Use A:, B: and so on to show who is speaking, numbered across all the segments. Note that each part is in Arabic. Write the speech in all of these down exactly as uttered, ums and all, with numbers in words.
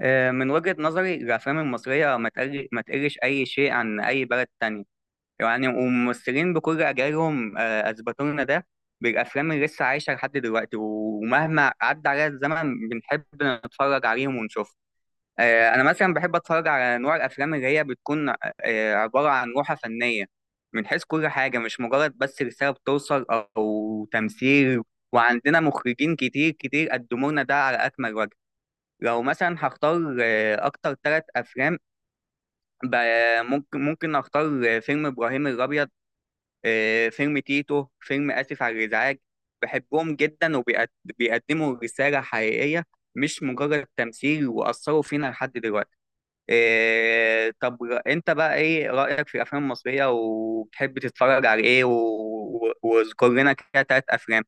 A: آه، من وجهة نظري الأفلام المصرية ما تقل- ما تقلش أي شيء عن أي بلد تانية. يعني والممثلين بكل أجيالهم آه، أثبتوا لنا ده بالأفلام اللي لسه عايشة لحد دلوقتي، ومهما عدى عليها الزمن بنحب نتفرج عليهم ونشوفهم. آه، أنا مثلا بحب أتفرج على نوع الأفلام اللي هي بتكون آه، عبارة عن روحة فنية، من حيث كل حاجة، مش مجرد بس رسالة بتوصل أو تمثيل. وعندنا مخرجين كتير كتير قدموا لنا ده على أكمل وجه. لو مثلا هختار آه، اكتر ثلاث افلام، ب- ممكن ممكن اختار آه، فيلم ابراهيم الابيض، آه، فيلم تيتو، فيلم اسف على الازعاج. بحبهم جدا وبيقدموا رسالة حقيقية، مش مجرد تمثيل، واثروا فينا لحد دلوقتي. آه، طب انت بقى ايه رايك في الافلام المصرية، وبتحب تتفرج على ايه؟ و- و- واذكر لنا كده ثلاث افلام.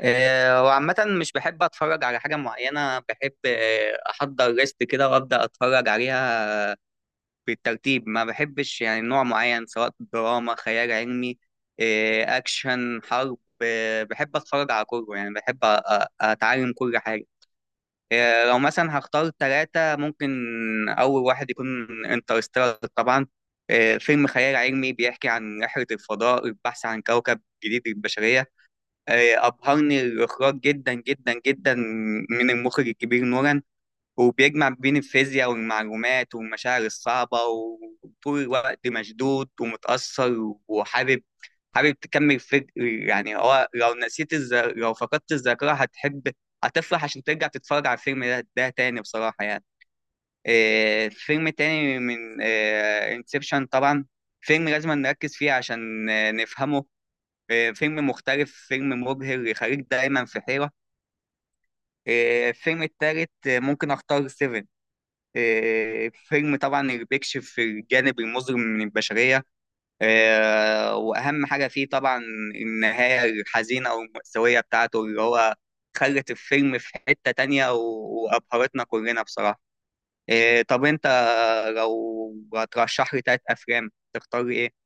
A: آه، وعامة مش بحب أتفرج على حاجة معينة، بحب آه، أحضر ليست كده وأبدأ أتفرج عليها بالترتيب. ما بحبش يعني نوع معين، سواء دراما، خيال علمي، آه، أكشن، حرب، آه، بحب أتفرج على كله. يعني بحب أ- أ- أتعلم كل حاجة. آه، لو مثلا هختار ثلاثة، ممكن أول واحد يكون انترستيلر طبعا. آه، فيلم خيال علمي بيحكي عن رحلة الفضاء، البحث عن كوكب جديد للبشرية. آه، أبهرني الإخراج جدا جدا جدا، من المخرج الكبير نوران. وبيجمع بين الفيزياء والمعلومات والمشاعر الصعبة، وطول الوقت مشدود ومتأثر، وحابب حابب تكمل. فكر يعني، هو لو نسيت الز... لو فقدت الذاكرة هتحب، هتفرح عشان ترجع تتفرج على الفيلم ده ده تاني، بصراحة يعني. آه، فيلم تاني من آه، انسبشن طبعا، فيلم لازم نركز فيه عشان آه، نفهمه. آه، فيلم مختلف، فيلم مبهر، يخليك دايما في حيرة. آه، الفيلم التالت آه، ممكن أختار سيفن. آه، فيلم طبعا اللي بيكشف الجانب المظلم من البشرية. آه، وأهم حاجة فيه طبعا النهاية الحزينة أو المأساوية بتاعته، اللي هو خلت الفيلم في حتة تانية، و- وأبهرتنا كلنا بصراحة. آه، طب أنت لو هترشح لي تلات أفلام تختار إيه؟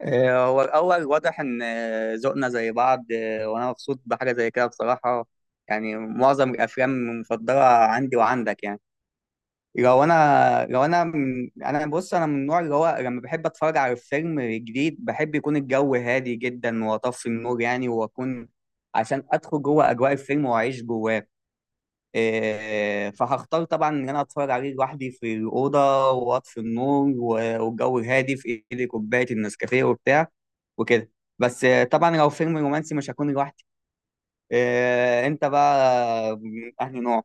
A: آه، هو الأول واضح إن آه، ذوقنا زي بعض، آه، وأنا مبسوط بحاجة زي كده بصراحة. يعني معظم الأفلام المفضلة عندي وعندك يعني. لو أنا لو أنا من أنا بص أنا من النوع اللي هو لما بحب أتفرج على فيلم جديد، بحب يكون الجو هادي جدا وأطفي النور، يعني وأكون عشان أدخل جوه أجواء الفيلم وأعيش جواه. إيه، فهختار طبعا ان انا اتفرج عليه لوحدي في الاوضه واطفي النور، و- والجو هادي، في ايدي كوبايه النسكافيه وبتاع وكده. بس آه، طبعا لو فيلم رومانسي مش هكون لوحدي. إيه، انت بقى من انهي نوع؟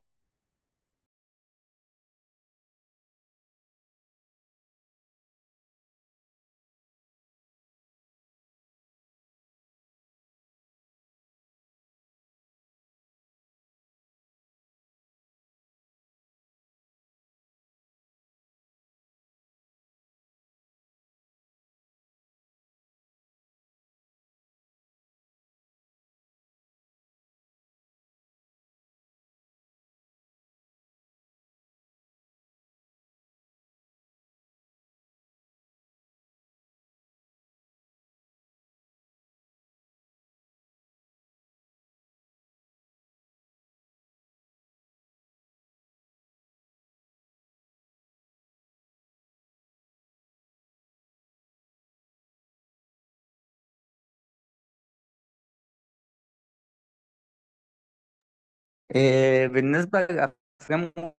A: إيه، بالنسبه للافلام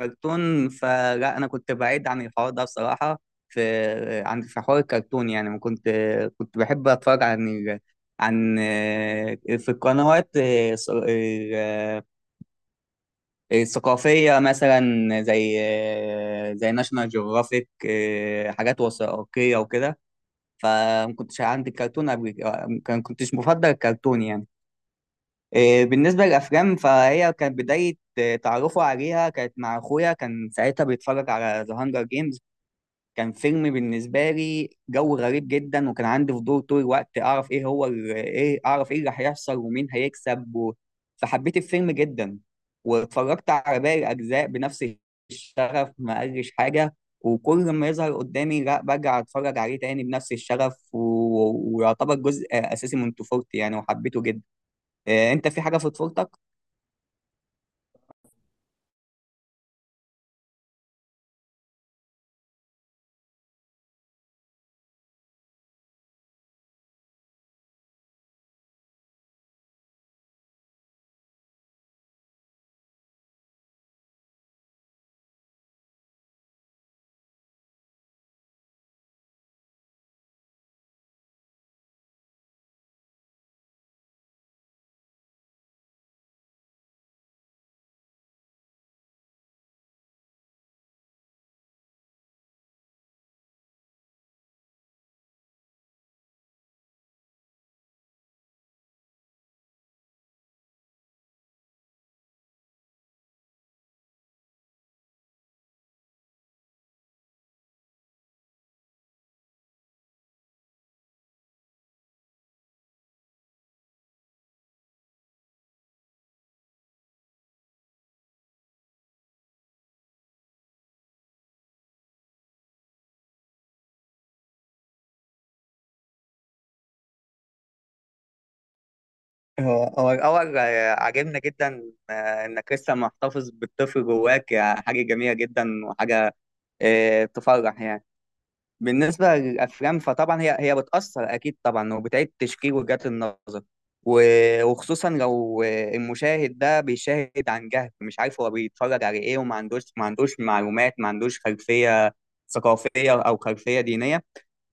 A: والكرتون فلا، انا كنت بعيد عن الحوار ده بصراحه. في عن في حوار الكرتون يعني ما كنت، كنت بحب اتفرج عن ال- عن آه، في القنوات آه، الص- ثقافية مثلا، زي زي ناشونال جيوغرافيك، حاجات وثائقية وكده. فما كنتش عندي الكرتون قبل، كان كنتش مفضل الكرتون يعني. إيه، بالنسبة للأفلام، فهي كانت بداية إيه، تعرفه عليها كانت مع أخويا، كان ساعتها بيتفرج على ذا هانجر جيمز. كان فيلم بالنسبة لي جو غريب جدا، وكان عندي فضول طول الوقت أعرف إيه هو ال- إيه أعرف إيه اللي هيحصل ومين هيكسب و... فحبيت الفيلم جدا، واتفرجت على باقي الأجزاء بنفس الشغف، ما قالش حاجة. وكل ما يظهر قدامي لا برجع أتفرج عليه تاني بنفس الشغف و... ويعتبر جزء أساسي من طفولتي يعني، وحبيته جدا. آه، أنت في حاجة في طفولتك؟ هو هو الأول آه، عاجبنا جدا آه، إنك لسه محتفظ بالطفل جواك، آه، حاجة جميلة جدا وحاجة آه، تفرح يعني. بالنسبة للأفلام فطبعا هي هي بتأثر أكيد طبعا، وبتعيد تشكيل وجهات النظر. و- وخصوصا لو المشاهد ده بيشاهد عن جهل، مش عارف هو بيتفرج على إيه، وما عندوش ما عندوش معلومات، ما عندوش خلفية ثقافية أو خلفية دينية.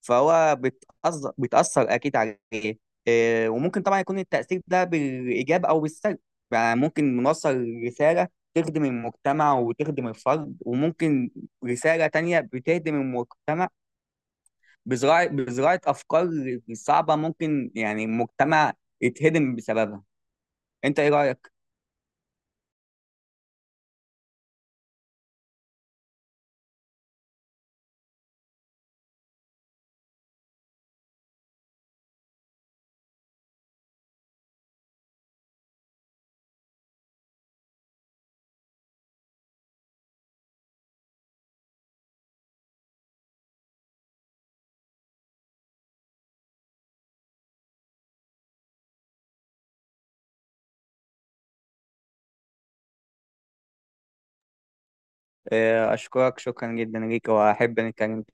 A: فهو بتأثر بتأثر أكيد عليه. إيه، وممكن طبعا يكون التأثير ده بالإيجاب أو بالسلب. يعني ممكن نوصل رسالة تخدم المجتمع وتخدم الفرد، وممكن رسالة تانية بتهدم المجتمع بزراعة بزراعة أفكار صعبة، ممكن يعني مجتمع يتهدم بسببها. أنت إيه رأيك؟ آه، أشكرك شكرا جدا ليك، وأحب نتكلم